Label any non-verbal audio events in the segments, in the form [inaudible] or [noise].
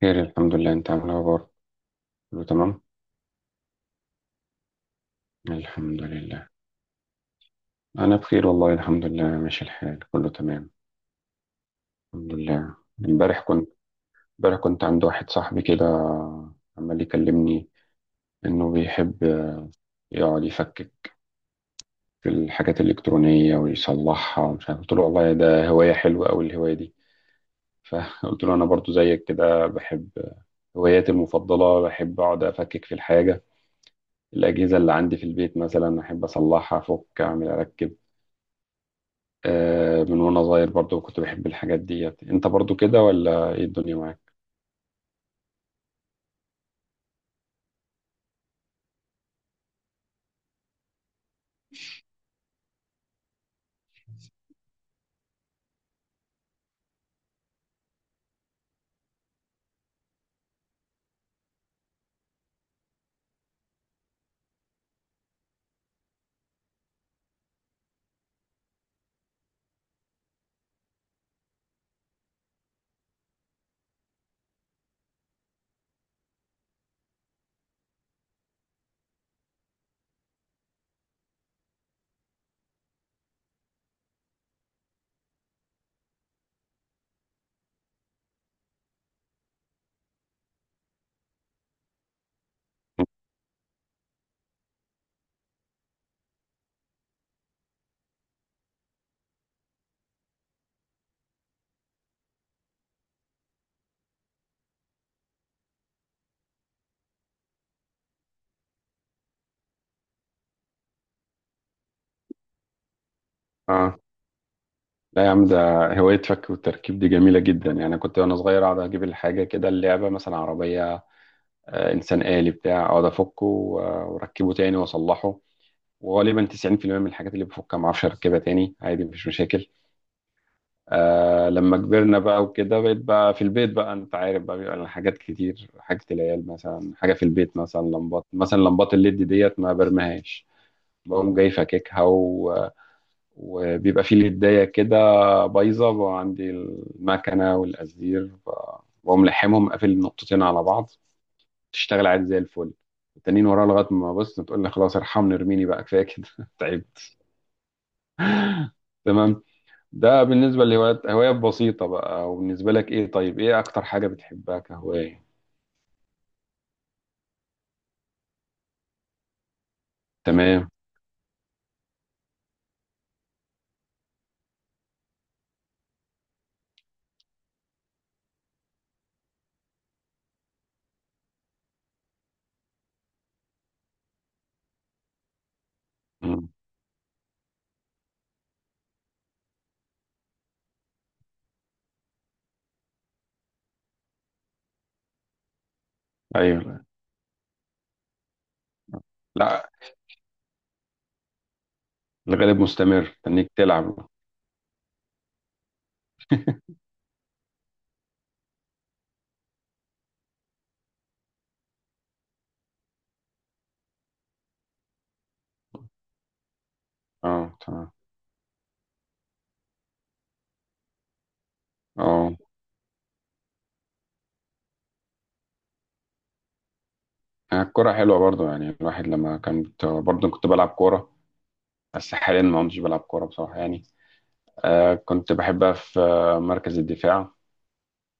خير الحمد لله. انت عامل ايه برضه؟ كله تمام الحمد لله. انا بخير والله الحمد لله، ماشي الحال كله تمام الحمد لله. امبارح كنت امبارح كنت عند واحد صاحبي كده، عمال يكلمني انه بيحب يقعد يفكك في الحاجات الالكترونيه ويصلحها ومش عارف. قلت له والله ده هوايه حلوه قوي الهوايه دي، فقلت [laughs] له انا برضو زيك كده بحب هواياتي المفضله، بحب اقعد افكك في الحاجه، الاجهزه اللي عندي في البيت مثلا احب اصلحها، افك اعمل اركب. من وانا صغير برضو كنت بحب الحاجات ديت. انت برضو كده ولا ايه الدنيا معاك؟ اه، لا يا عم، ده هواية فك والتركيب دي جميلة جدا. يعني كنت وانا صغير اقعد اجيب الحاجة كده، اللعبة مثلا، عربية، انسان آلي بتاع، اقعد افكه واركبه تاني واصلحه. وغالبا 90% من الحاجات اللي بفكها ما اعرفش اركبها تاني، عادي مفيش مشاكل. آه لما كبرنا بقى وكده، بقيت في البيت بقى، انت عارف بقى بيبقى لنا حاجات كتير، حاجة العيال مثلا، حاجة في البيت مثلا، لمبات، مثلا لمبات الليد ديت ما برمهاش، بقوم جاي فاككها و... وبيبقى في لداية كده بايظة بقى عندي، المكنة والقزدير، بقوم لحمهم قافل النقطتين على بعض، تشتغل عادي زي الفل. التانيين وراها لغاية ما بص تقول لي خلاص ارحمني ارميني بقى، كفاية كده [laughs] تعبت. تمام. ده بالنسبة لهوايات، هوايات بسيطة بقى. وبالنسبة لك ايه؟ طيب ايه أكتر حاجة بتحبها كهواية؟ تمام. مم. أيوه. لا، الغالب مستمر تنيك تلعب. اه تمام. اه، الكرة حلوة برضو. يعني الواحد لما، كنت برضو كنت بلعب كورة، بس حاليا ما كنتش بلعب كورة بصراحة يعني. كنت بحبها في مركز الدفاع.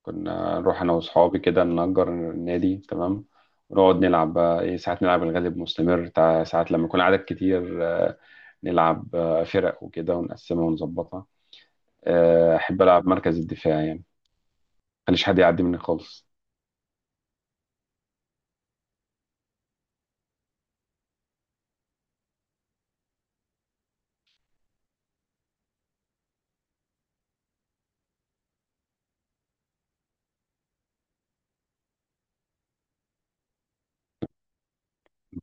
كنا نروح أنا وأصحابي كده نأجر نادي. تمام. ونقعد نلعب بقى إيه، ساعات نلعب الغالب مستمر ساعات لما يكون عدد كتير نلعب فرق وكده، ونقسمها ونظبطها. أحب ألعب مركز الدفاع يعني، مخليش حد يعدي مني خالص.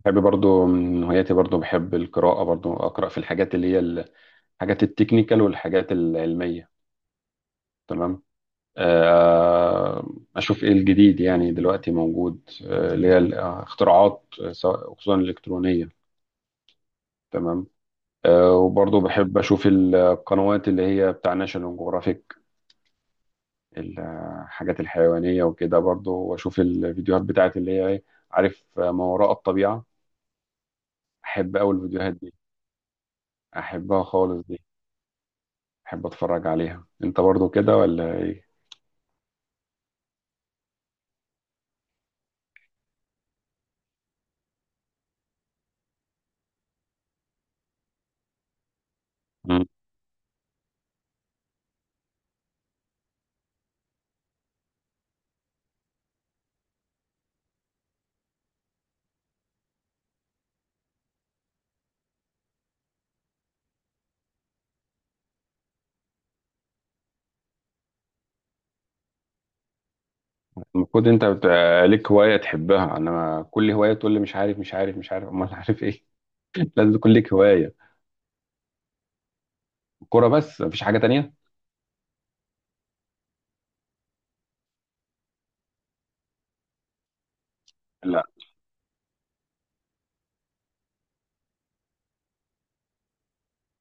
بحب برضو من هواياتي برضو بحب القراءة، برضو أقرأ في الحاجات اللي هي حاجات التكنيكال والحاجات العلمية. تمام. آه، أشوف إيه الجديد يعني دلوقتي موجود، اللي هي الاختراعات، سواء خصوصا الإلكترونية. تمام. وبرضه بحب أشوف القنوات اللي هي بتاع ناشونال جغرافيك، الحاجات الحيوانية وكده برضه. وأشوف الفيديوهات بتاعت اللي هي عارف، ما وراء الطبيعة. أحب أوي الفيديوهات دي، أحبها خالص دي. أحب أتفرج عليها. أنت برضه كده ولا إيه؟ المفروض انت بتبقى ليك هواية تحبها. انا كل هواية تقول لي مش عارف مش عارف مش عارف [laughs] امال عارف ايه؟ [laughs] لازم تكون ليك هواية. الكورة بس مفيش حاجة تانية؟ لا.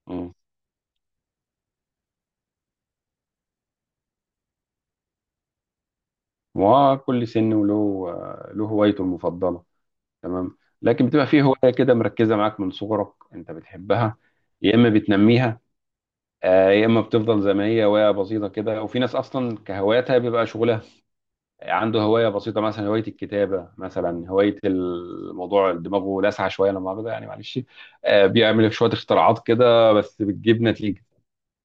امم. وكل سن وله له هوايته المفضلة. تمام. لكن بتبقى فيه هواية كده مركزة معاك من صغرك انت بتحبها، يا اما بتنميها يا اما بتفضل زي ما هي هواية بسيطة كده. وفي ناس اصلا كهواياتها بيبقى شغلها. عنده هواية بسيطة، مثلا هواية الكتابة مثلا، هواية الموضوع دماغه لاسعة شوية لما أخده، يعني معلش بيعمل شوية اختراعات كده بس بتجيب نتيجة.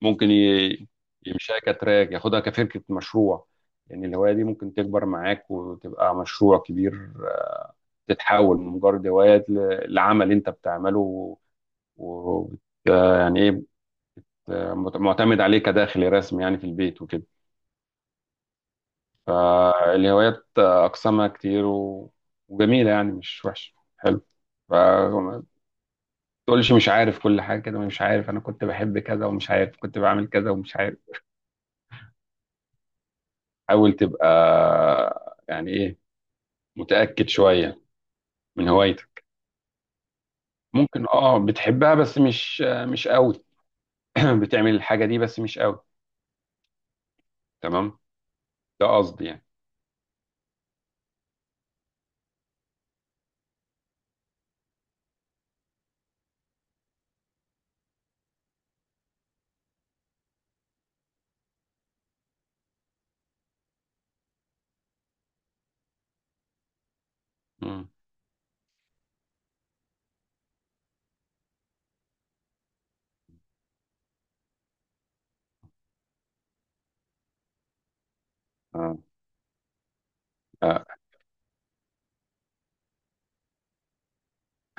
ممكن يمشيها كتراك، ياخدها كفكرة مشروع. يعني الهواية دي ممكن تكبر معاك وتبقى مشروع كبير، تتحول من مجرد هواية لعمل أنت بتعمله، و يعني إيه، معتمد عليه كداخل رسمي يعني في البيت وكده. فالهوايات أقسامها كتير و... وجميلة، يعني مش وحشة، حلو. فما تقولش مش عارف كل حاجة كده، مش عارف أنا كنت بحب كذا، ومش عارف كنت بعمل كذا، ومش عارف. حاول تبقى، يعني إيه، متأكد شوية من هوايتك. ممكن اه بتحبها بس مش قوي، [clears throat] بتعمل الحاجة دي بس مش قوي. تمام. ده قصدي يعني. مم. اه، آه،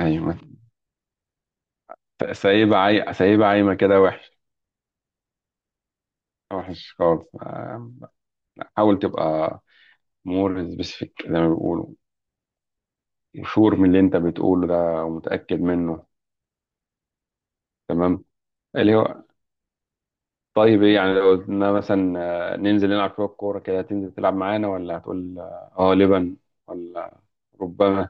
ايوه، سايبة سايبة عايمة كده، وحش، وحش خالص. حاول تبقى مور سبيسيفيك زي ما بيقولوا، وشور من اللي انت بتقوله ده ومتأكد منه. تمام. اللي هو، طيب ايه يعني لو قلنا مثلا ننزل نلعب شويه كوره كده، هتنزل تلعب معانا ولا هتقول اه؟ لبن، ولا ربما.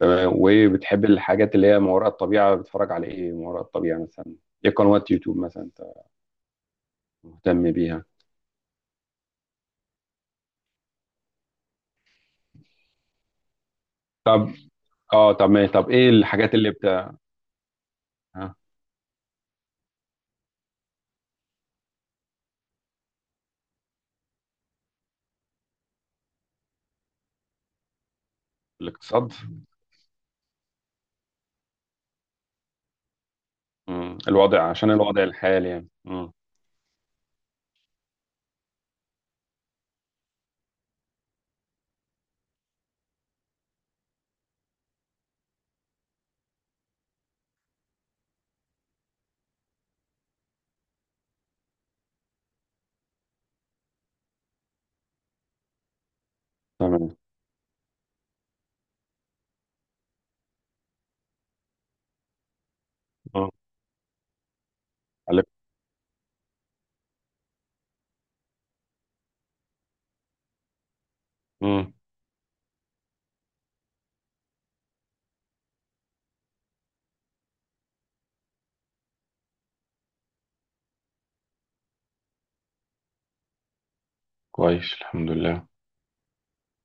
تمام. وايه بتحب الحاجات اللي هي ما وراء الطبيعه؟ بتتفرج على ايه ما وراء الطبيعه مثلا؟ ايه قنوات يوتيوب مثلا انت مهتم بيها؟ طب اه، طب ما، طب ايه الحاجات اللي بت، ها؟ الاقتصاد. مم. الوضع عشان الوضع الحالي يعني. مم. تمام. اه. عليك. مم. كويس الحمد لله.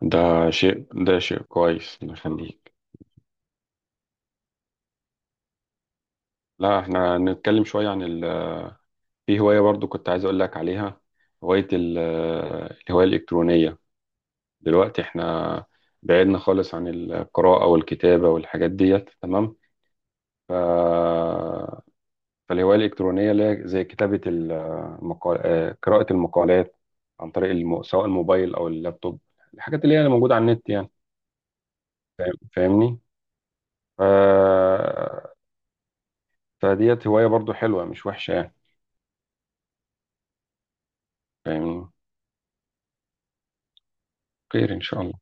ده شيء، ده شيء كويس، الله يخليك. لا، احنا نتكلم شوية عن ال... في هواية برضو كنت عايز اقول لك عليها، هواية ال... الهواية الإلكترونية. دلوقتي احنا بعدنا خالص عن القراءة والكتابة والحاجات ديت. تمام. ف... فالهواية الإلكترونية اللي هي زي كتابة المقال... آه، قراءة المقالات عن طريق سواء الموبايل أو اللابتوب، الحاجات اللي هي موجودة على النت يعني. فاهمني؟ ف... فديت هواية برضو حلوة مش وحشة يعني. فاهمني؟ خير إن شاء الله.